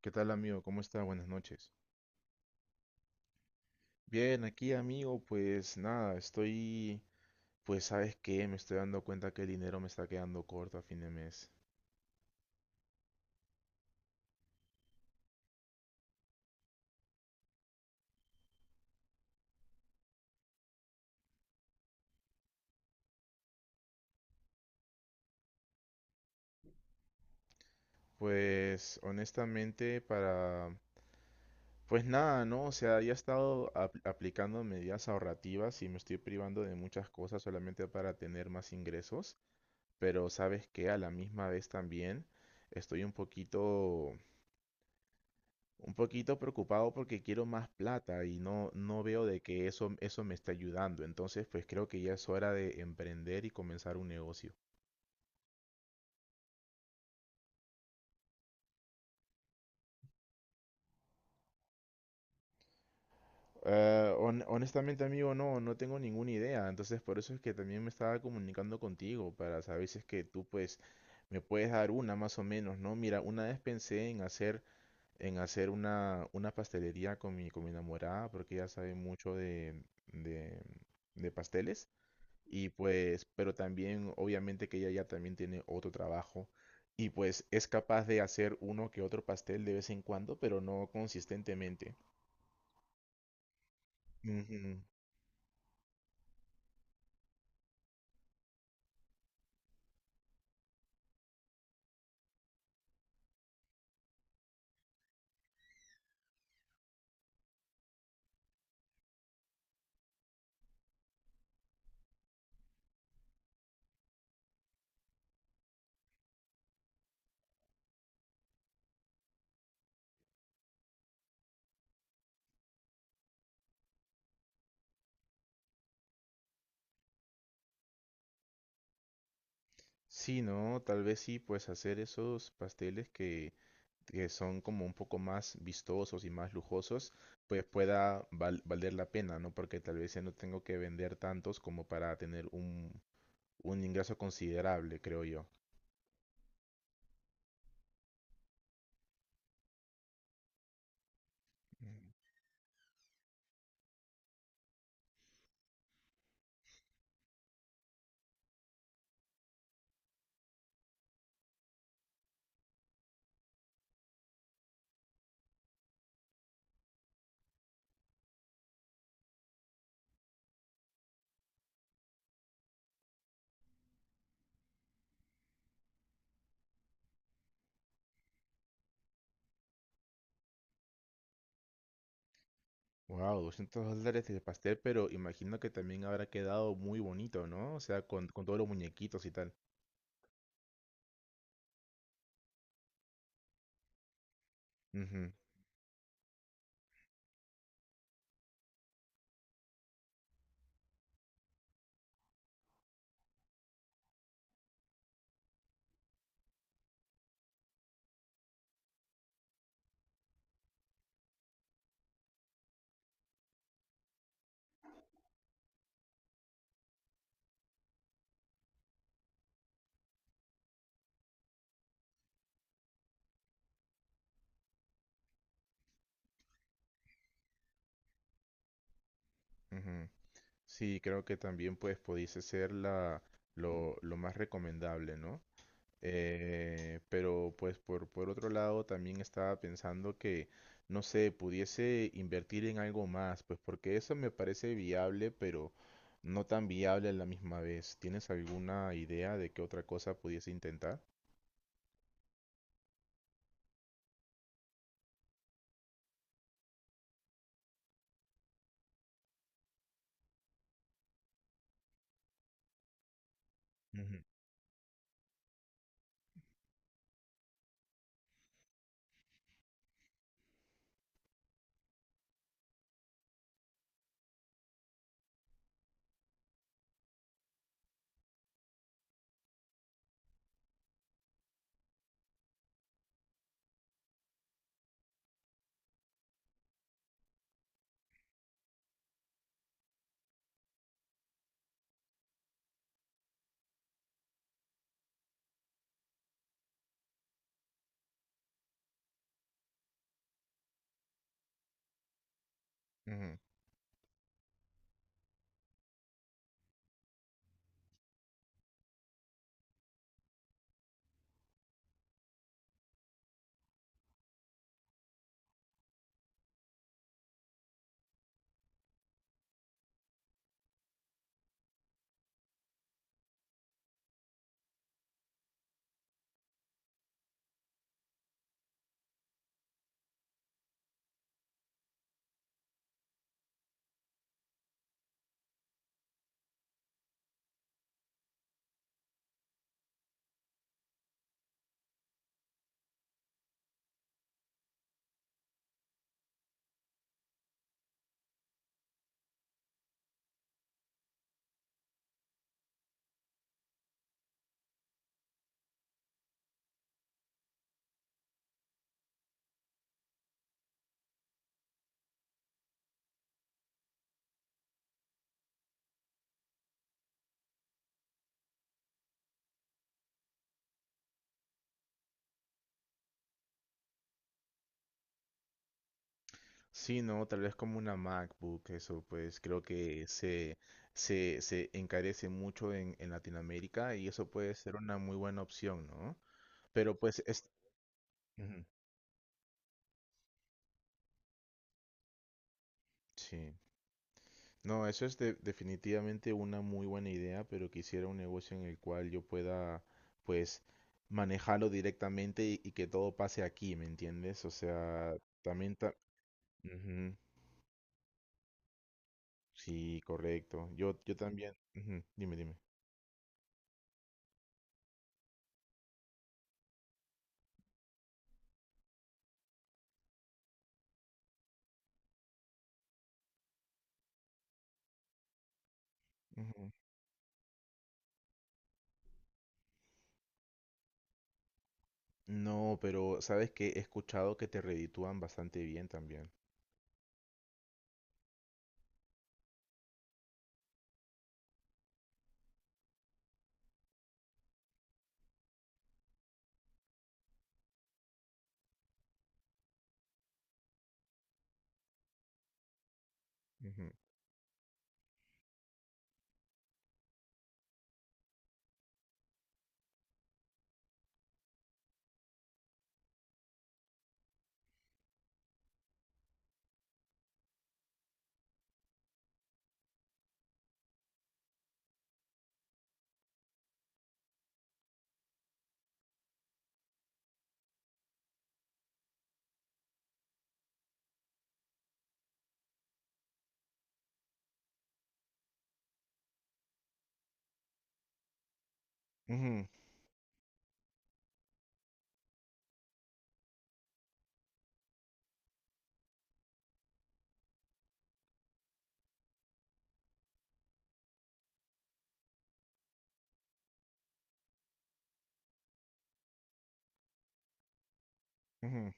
¿Qué tal, amigo? ¿Cómo está? Buenas noches. Bien, aquí, amigo, pues nada, estoy, pues sabes qué, me estoy dando cuenta que el dinero me está quedando corto a fin de mes. Pues honestamente, para, pues nada, ¿no? O sea, ya he estado aplicando medidas ahorrativas y me estoy privando de muchas cosas solamente para tener más ingresos, pero sabes qué, a la misma vez también estoy un poquito un poquito preocupado porque quiero más plata y no veo de que eso me está ayudando. Entonces, pues creo que ya es hora de emprender y comenzar un negocio. Honestamente, amigo, no tengo ninguna idea. Entonces, por eso es que también me estaba comunicando contigo para saber si es que tú, pues, me puedes dar una más o menos, ¿no? Mira, una vez pensé en hacer una pastelería con con mi enamorada porque ella sabe mucho de de pasteles. Y pues, pero también obviamente que ella ya también tiene otro trabajo y pues es capaz de hacer uno que otro pastel de vez en cuando, pero no consistentemente. Ujú. Sí, ¿no? Tal vez sí, pues hacer esos pasteles que son como un poco más vistosos y más lujosos, pues pueda valer la pena, ¿no? Porque tal vez ya no tengo que vender tantos como para tener un ingreso considerable, creo yo. Mm. Wow, $200 el pastel, pero imagino que también habrá quedado muy bonito, ¿no? O sea, con todos los muñequitos y tal. Ujú, ujú. Sí, creo que también pues pudiese ser la, lo más recomendable, ¿no? Pero pues por otro lado también estaba pensando que, no sé, pudiese invertir en algo más, pues porque eso me parece viable, pero no tan viable a la misma vez. ¿Tienes alguna idea de qué otra cosa pudiese intentar? Ujú, ujú. Sí, no, tal vez como una MacBook, eso pues creo que se encarece mucho en Latinoamérica y eso puede ser una muy buena opción, ¿no? Pero pues es... Ujú. Sí, no, eso es definitivamente una muy buena idea, pero quisiera un negocio en el cual yo pueda pues manejarlo directamente y que todo pase aquí, ¿me entiendes? O sea, también... ta- Ujú. Sí, correcto. Yo también... ujú. Dime, dime. No, pero sabes que he escuchado que te reditúan bastante bien también. Ujú, ujú, ujú.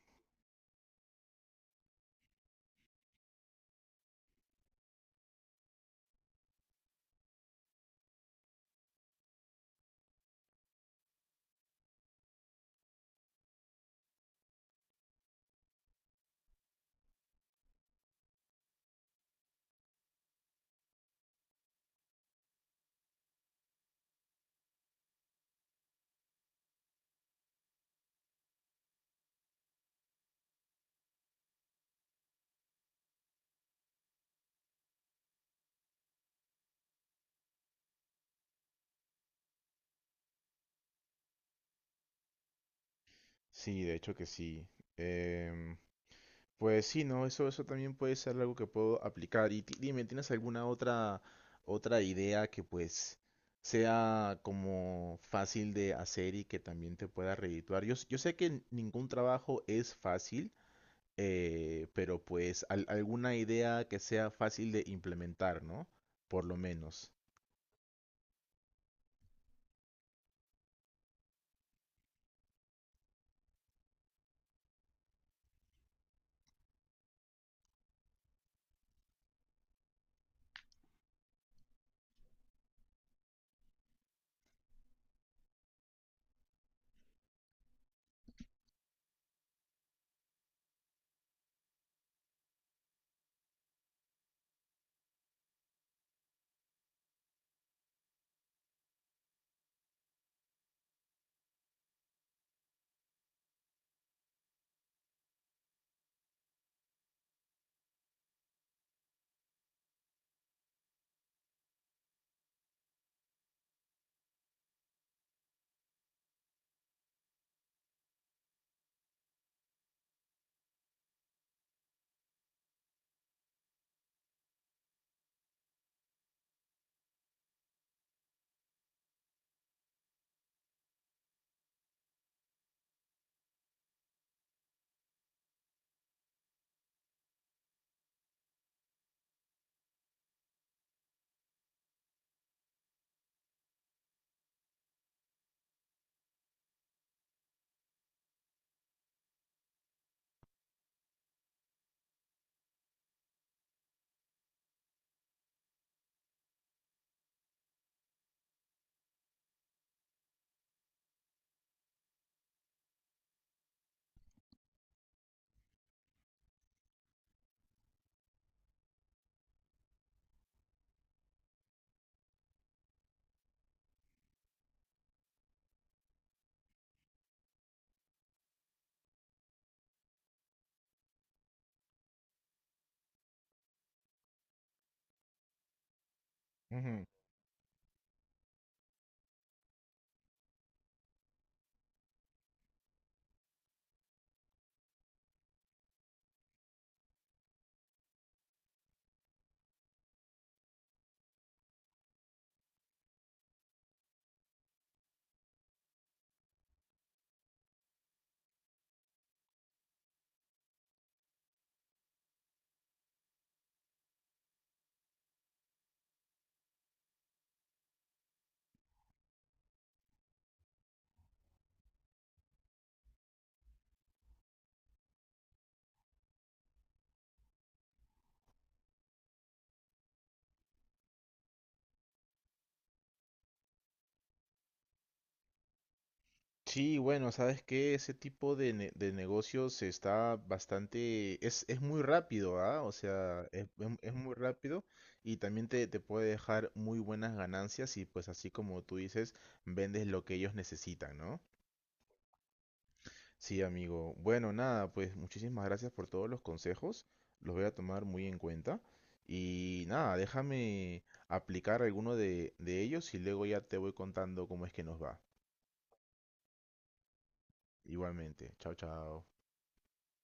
Sí, de hecho que sí. Em, pues sí, no, eso también puede ser algo que puedo aplicar. Y dime, ¿tienes alguna otra, otra idea que pues sea como fácil de hacer y que también te pueda redituar? Yo, yo sé que ningún trabajo es fácil, pero pues alguna idea que sea fácil de implementar, ¿no? Por lo menos. Sí, bueno, sabes que ese tipo de, de negocios está bastante, es, muy rápido, ¿ah? O sea, es, es muy rápido y también te puede dejar muy buenas ganancias y pues así como tú dices, vendes lo que ellos necesitan, ¿no? Sí, amigo. Bueno, nada, pues muchísimas gracias por todos los consejos, los voy a tomar muy en cuenta y nada, déjame aplicar alguno de ellos y luego ya te voy contando cómo es que nos va. Igualmente, chao, chao.